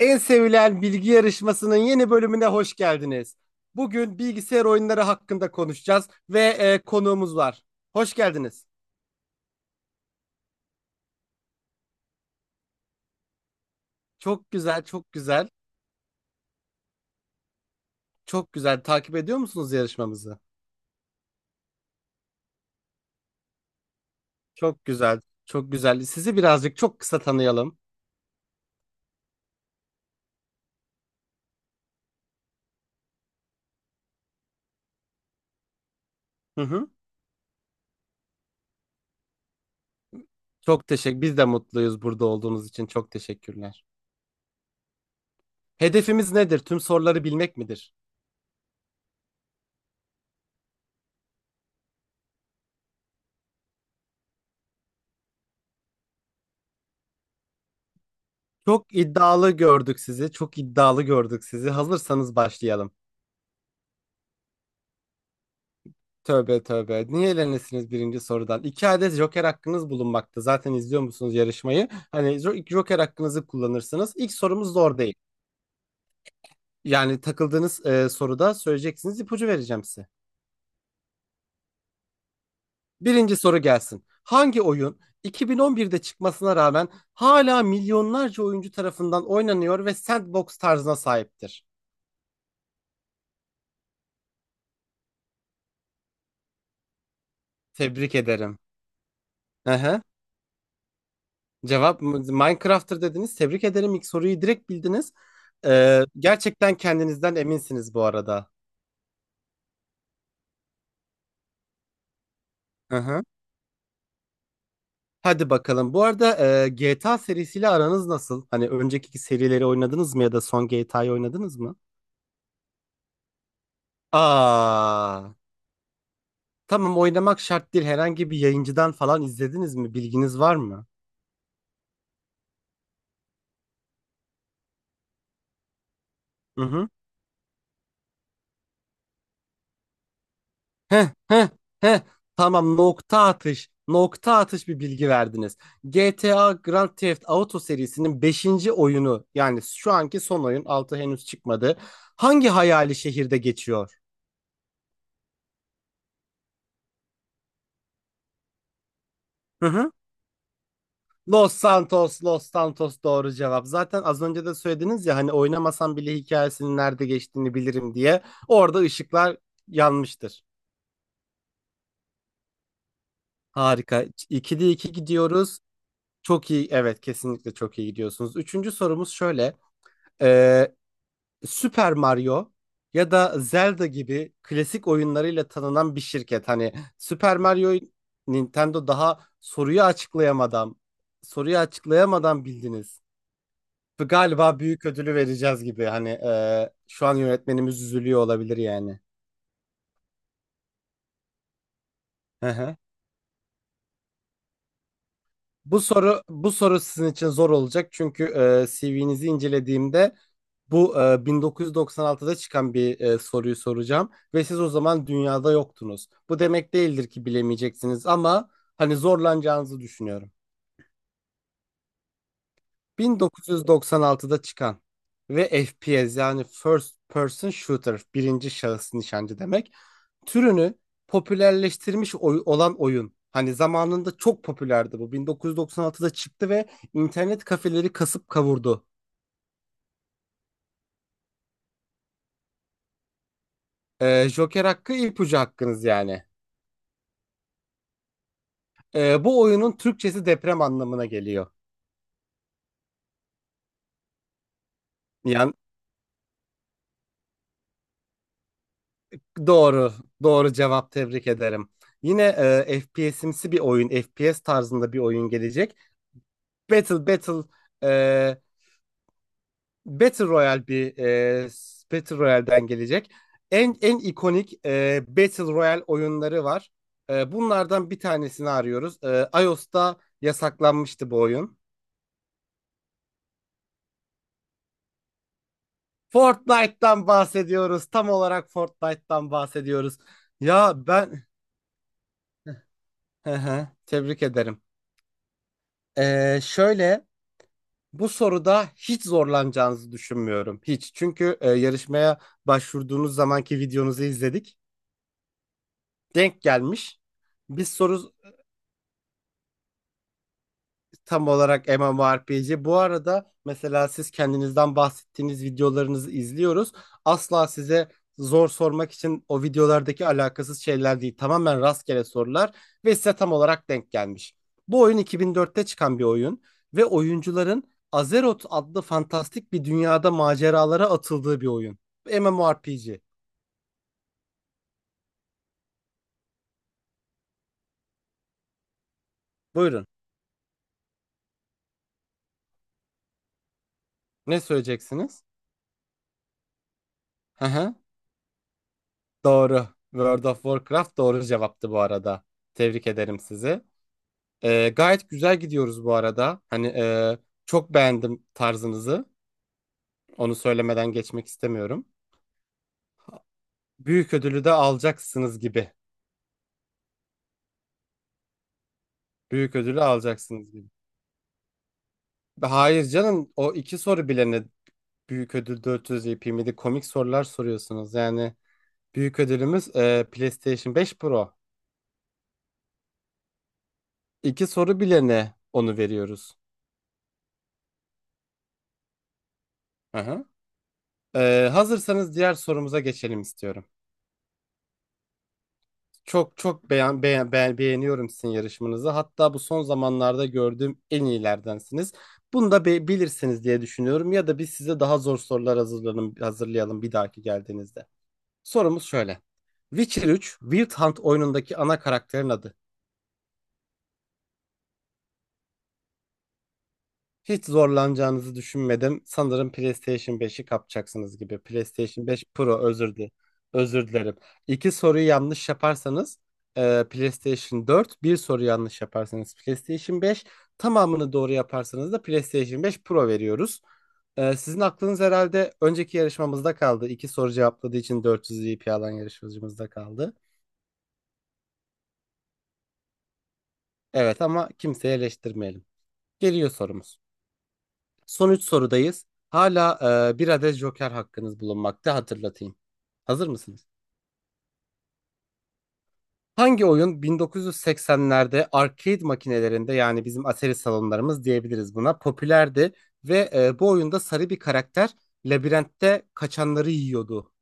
En sevilen bilgi yarışmasının yeni bölümüne hoş geldiniz. Bugün bilgisayar oyunları hakkında konuşacağız ve konuğumuz var. Hoş geldiniz. Çok güzel, çok güzel, çok güzel. Takip ediyor musunuz yarışmamızı? Çok güzel, çok güzel. Sizi birazcık çok kısa tanıyalım. Hı hı. Çok teşekkür. Biz de mutluyuz burada olduğunuz için. Çok teşekkürler. Hedefimiz nedir? Tüm soruları bilmek midir? Çok iddialı gördük sizi. Çok iddialı gördük sizi. Hazırsanız başlayalım. Tövbe tövbe. Niye elenesiniz birinci sorudan? İki adet Joker hakkınız bulunmakta. Zaten izliyor musunuz yarışmayı? Hani Joker hakkınızı kullanırsınız. İlk sorumuz zor değil. Yani takıldığınız soruda söyleyeceksiniz. İpucu vereceğim size. Birinci soru gelsin. Hangi oyun 2011'de çıkmasına rağmen hala milyonlarca oyuncu tarafından oynanıyor ve sandbox tarzına sahiptir? Tebrik ederim. Hı hı. Cevap Minecraft'tır dediniz. Tebrik ederim. İlk soruyu direkt bildiniz. Gerçekten kendinizden eminsiniz bu arada. Hı hı. Hadi bakalım. Bu arada GTA serisiyle aranız nasıl? Hani önceki serileri oynadınız mı ya da son GTA'yı oynadınız mı? Aa, tamam oynamak şart değil. Herhangi bir yayıncıdan falan izlediniz mi? Bilginiz var mı? Hı hı. Heh, heh, heh. Tamam nokta atış. Nokta atış bir bilgi verdiniz. GTA Grand Theft Auto serisinin beşinci oyunu, yani şu anki son oyun, 6 henüz çıkmadı. Hangi hayali şehirde geçiyor? Hı hı. Los Santos, Los Santos doğru cevap. Zaten az önce de söylediniz ya hani oynamasam bile hikayesinin nerede geçtiğini bilirim diye. Orada ışıklar yanmıştır. Harika. 2'de 2 gidiyoruz. Çok iyi. Evet, kesinlikle çok iyi gidiyorsunuz. Üçüncü sorumuz şöyle. Ee, Super Mario ya da Zelda gibi klasik oyunlarıyla tanınan bir şirket. Hani Super Mario Nintendo daha soruyu açıklayamadan bildiniz. Bu galiba büyük ödülü vereceğiz gibi. Hani şu an yönetmenimiz üzülüyor olabilir yani. Hı hı. Bu soru sizin için zor olacak çünkü CV'nizi incelediğimde bu 1996'da çıkan bir soruyu soracağım ve siz o zaman dünyada yoktunuz. Bu demek değildir ki bilemeyeceksiniz ama hani zorlanacağınızı düşünüyorum. 1996'da çıkan ve FPS, yani First Person Shooter, birinci şahıs nişancı demek, türünü popülerleştirmiş olan oyun. Hani zamanında çok popülerdi bu. 1996'da çıktı ve internet kafeleri kasıp kavurdu. Joker hakkı, ipucu hakkınız yani. Bu oyunun Türkçesi deprem anlamına geliyor. Yani doğru, doğru cevap, tebrik ederim. Yine FPS'imsi bir oyun, FPS tarzında bir oyun gelecek. Battle e, Battle Royale, bir Battle Royale'den gelecek. En ikonik Battle Royale oyunları var. Bunlardan bir tanesini arıyoruz. iOS'ta yasaklanmıştı bu oyun. Fortnite'dan bahsediyoruz. Tam olarak Fortnite'dan bahsediyoruz. Ya ben tebrik ederim. Şöyle, bu soruda hiç zorlanacağınızı düşünmüyorum. Hiç. Çünkü yarışmaya başvurduğunuz zamanki videonuzu izledik. Denk gelmiş. Biz soru tam olarak MMORPG. Bu arada mesela siz kendinizden bahsettiğiniz videolarınızı izliyoruz. Asla size zor sormak için o videolardaki alakasız şeyler değil. Tamamen rastgele sorular ve size tam olarak denk gelmiş. Bu oyun 2004'te çıkan bir oyun ve oyuncuların Azeroth adlı fantastik bir dünyada maceralara atıldığı bir oyun. MMORPG. Buyurun. Ne söyleyeceksiniz? Hı hı. Doğru. World of Warcraft doğru cevaptı bu arada. Tebrik ederim sizi. Gayet güzel gidiyoruz bu arada. Hani çok beğendim tarzınızı. Onu söylemeden geçmek istemiyorum. Büyük ödülü de alacaksınız gibi. Büyük ödülü alacaksınız gibi. Hayır canım, o iki soru bile ne, büyük ödül 400 EP miydi? Komik sorular soruyorsunuz. Yani büyük ödülümüz PlayStation 5 Pro. İki soru bile ne, onu veriyoruz. Aha. Hazırsanız diğer sorumuza geçelim istiyorum. Çok çok beğeniyorum sizin yarışmanızı. Hatta bu son zamanlarda gördüğüm en iyilerdensiniz. Bunu da bilirsiniz diye düşünüyorum. Ya da biz size daha zor sorular hazırlayalım bir dahaki geldiğinizde. Sorumuz şöyle. Witcher 3 Wild Hunt oyunundaki ana karakterin adı. Hiç zorlanacağınızı düşünmedim. Sanırım PlayStation 5'i kapacaksınız gibi. PlayStation 5 Pro, özür dilerim. İki soruyu yanlış yaparsanız PlayStation 4, bir soru yanlış yaparsanız PlayStation 5, tamamını doğru yaparsanız da PlayStation 5 Pro veriyoruz. Sizin aklınız herhalde önceki yarışmamızda kaldı. İki soru cevapladığı için 400 VP alan yarışmacımızda kaldı. Evet ama kimseyi eleştirmeyelim. Geliyor sorumuz. Son 3 sorudayız. Hala bir adet Joker hakkınız bulunmakta, hatırlatayım. Hazır mısınız? Hangi oyun 1980'lerde arcade makinelerinde, yani bizim Atari salonlarımız diyebiliriz buna, popülerdi ve bu oyunda sarı bir karakter labirentte kaçanları yiyordu.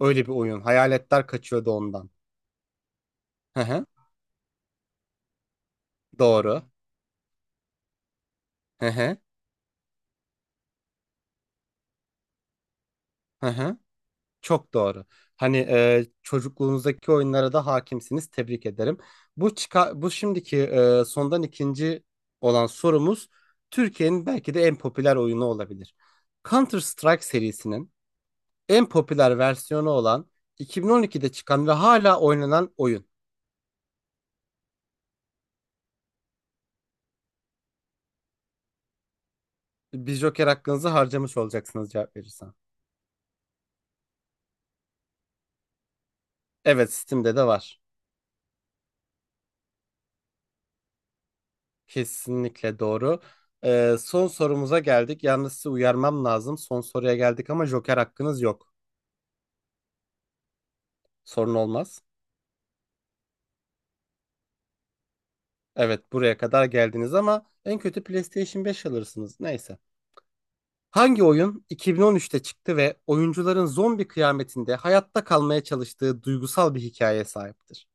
Öyle bir oyun. Hayaletler kaçıyordu ondan. Hı hı. Doğru. Hı hı. Hı hı. Çok doğru. Hani çocukluğunuzdaki oyunlara da hakimsiniz. Tebrik ederim. Bu şimdiki, sondan ikinci olan sorumuz, Türkiye'nin belki de en popüler oyunu olabilir. Counter Strike serisinin en popüler versiyonu olan, 2012'de çıkan ve hala oynanan oyun. Bir Joker hakkınızı harcamış olacaksınız cevap verirsen. Evet, Steam'de de var. Kesinlikle doğru. Son sorumuza geldik. Yalnız sizi uyarmam lazım. Son soruya geldik ama Joker hakkınız yok. Sorun olmaz. Evet, buraya kadar geldiniz ama en kötü PlayStation 5 alırsınız. Neyse. Hangi oyun 2013'te çıktı ve oyuncuların zombi kıyametinde hayatta kalmaya çalıştığı duygusal bir hikayeye sahiptir?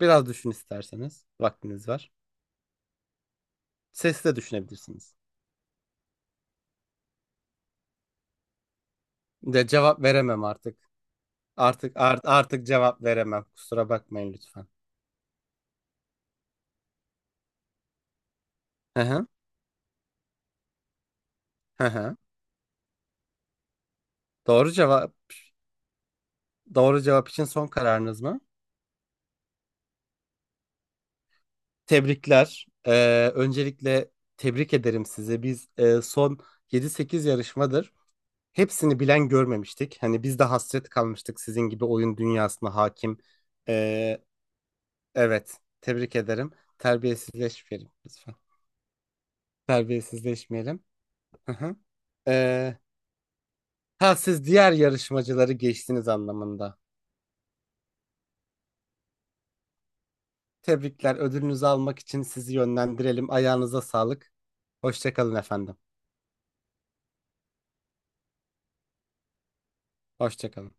Biraz düşün isterseniz. Vaktiniz var. Sesle düşünebilirsiniz. De cevap veremem artık. Artık cevap veremem. Kusura bakmayın lütfen. Hı hı. Hı hı. Doğru cevap. Doğru cevap için son kararınız mı? Tebrikler. Öncelikle tebrik ederim sizi. Biz son yedi sekiz yarışmadır hepsini bilen görmemiştik. Hani biz de hasret kalmıştık sizin gibi oyun dünyasına hakim. Ee, evet, tebrik ederim. Terbiyesizleşmeyelim lütfen. Terbiyesizleşmeyelim. Hı hı. Ee, ha, siz diğer yarışmacıları geçtiniz anlamında. Tebrikler. Ödülünüzü almak için sizi yönlendirelim. Ayağınıza sağlık. Hoşça kalın efendim. Hoşça kalın.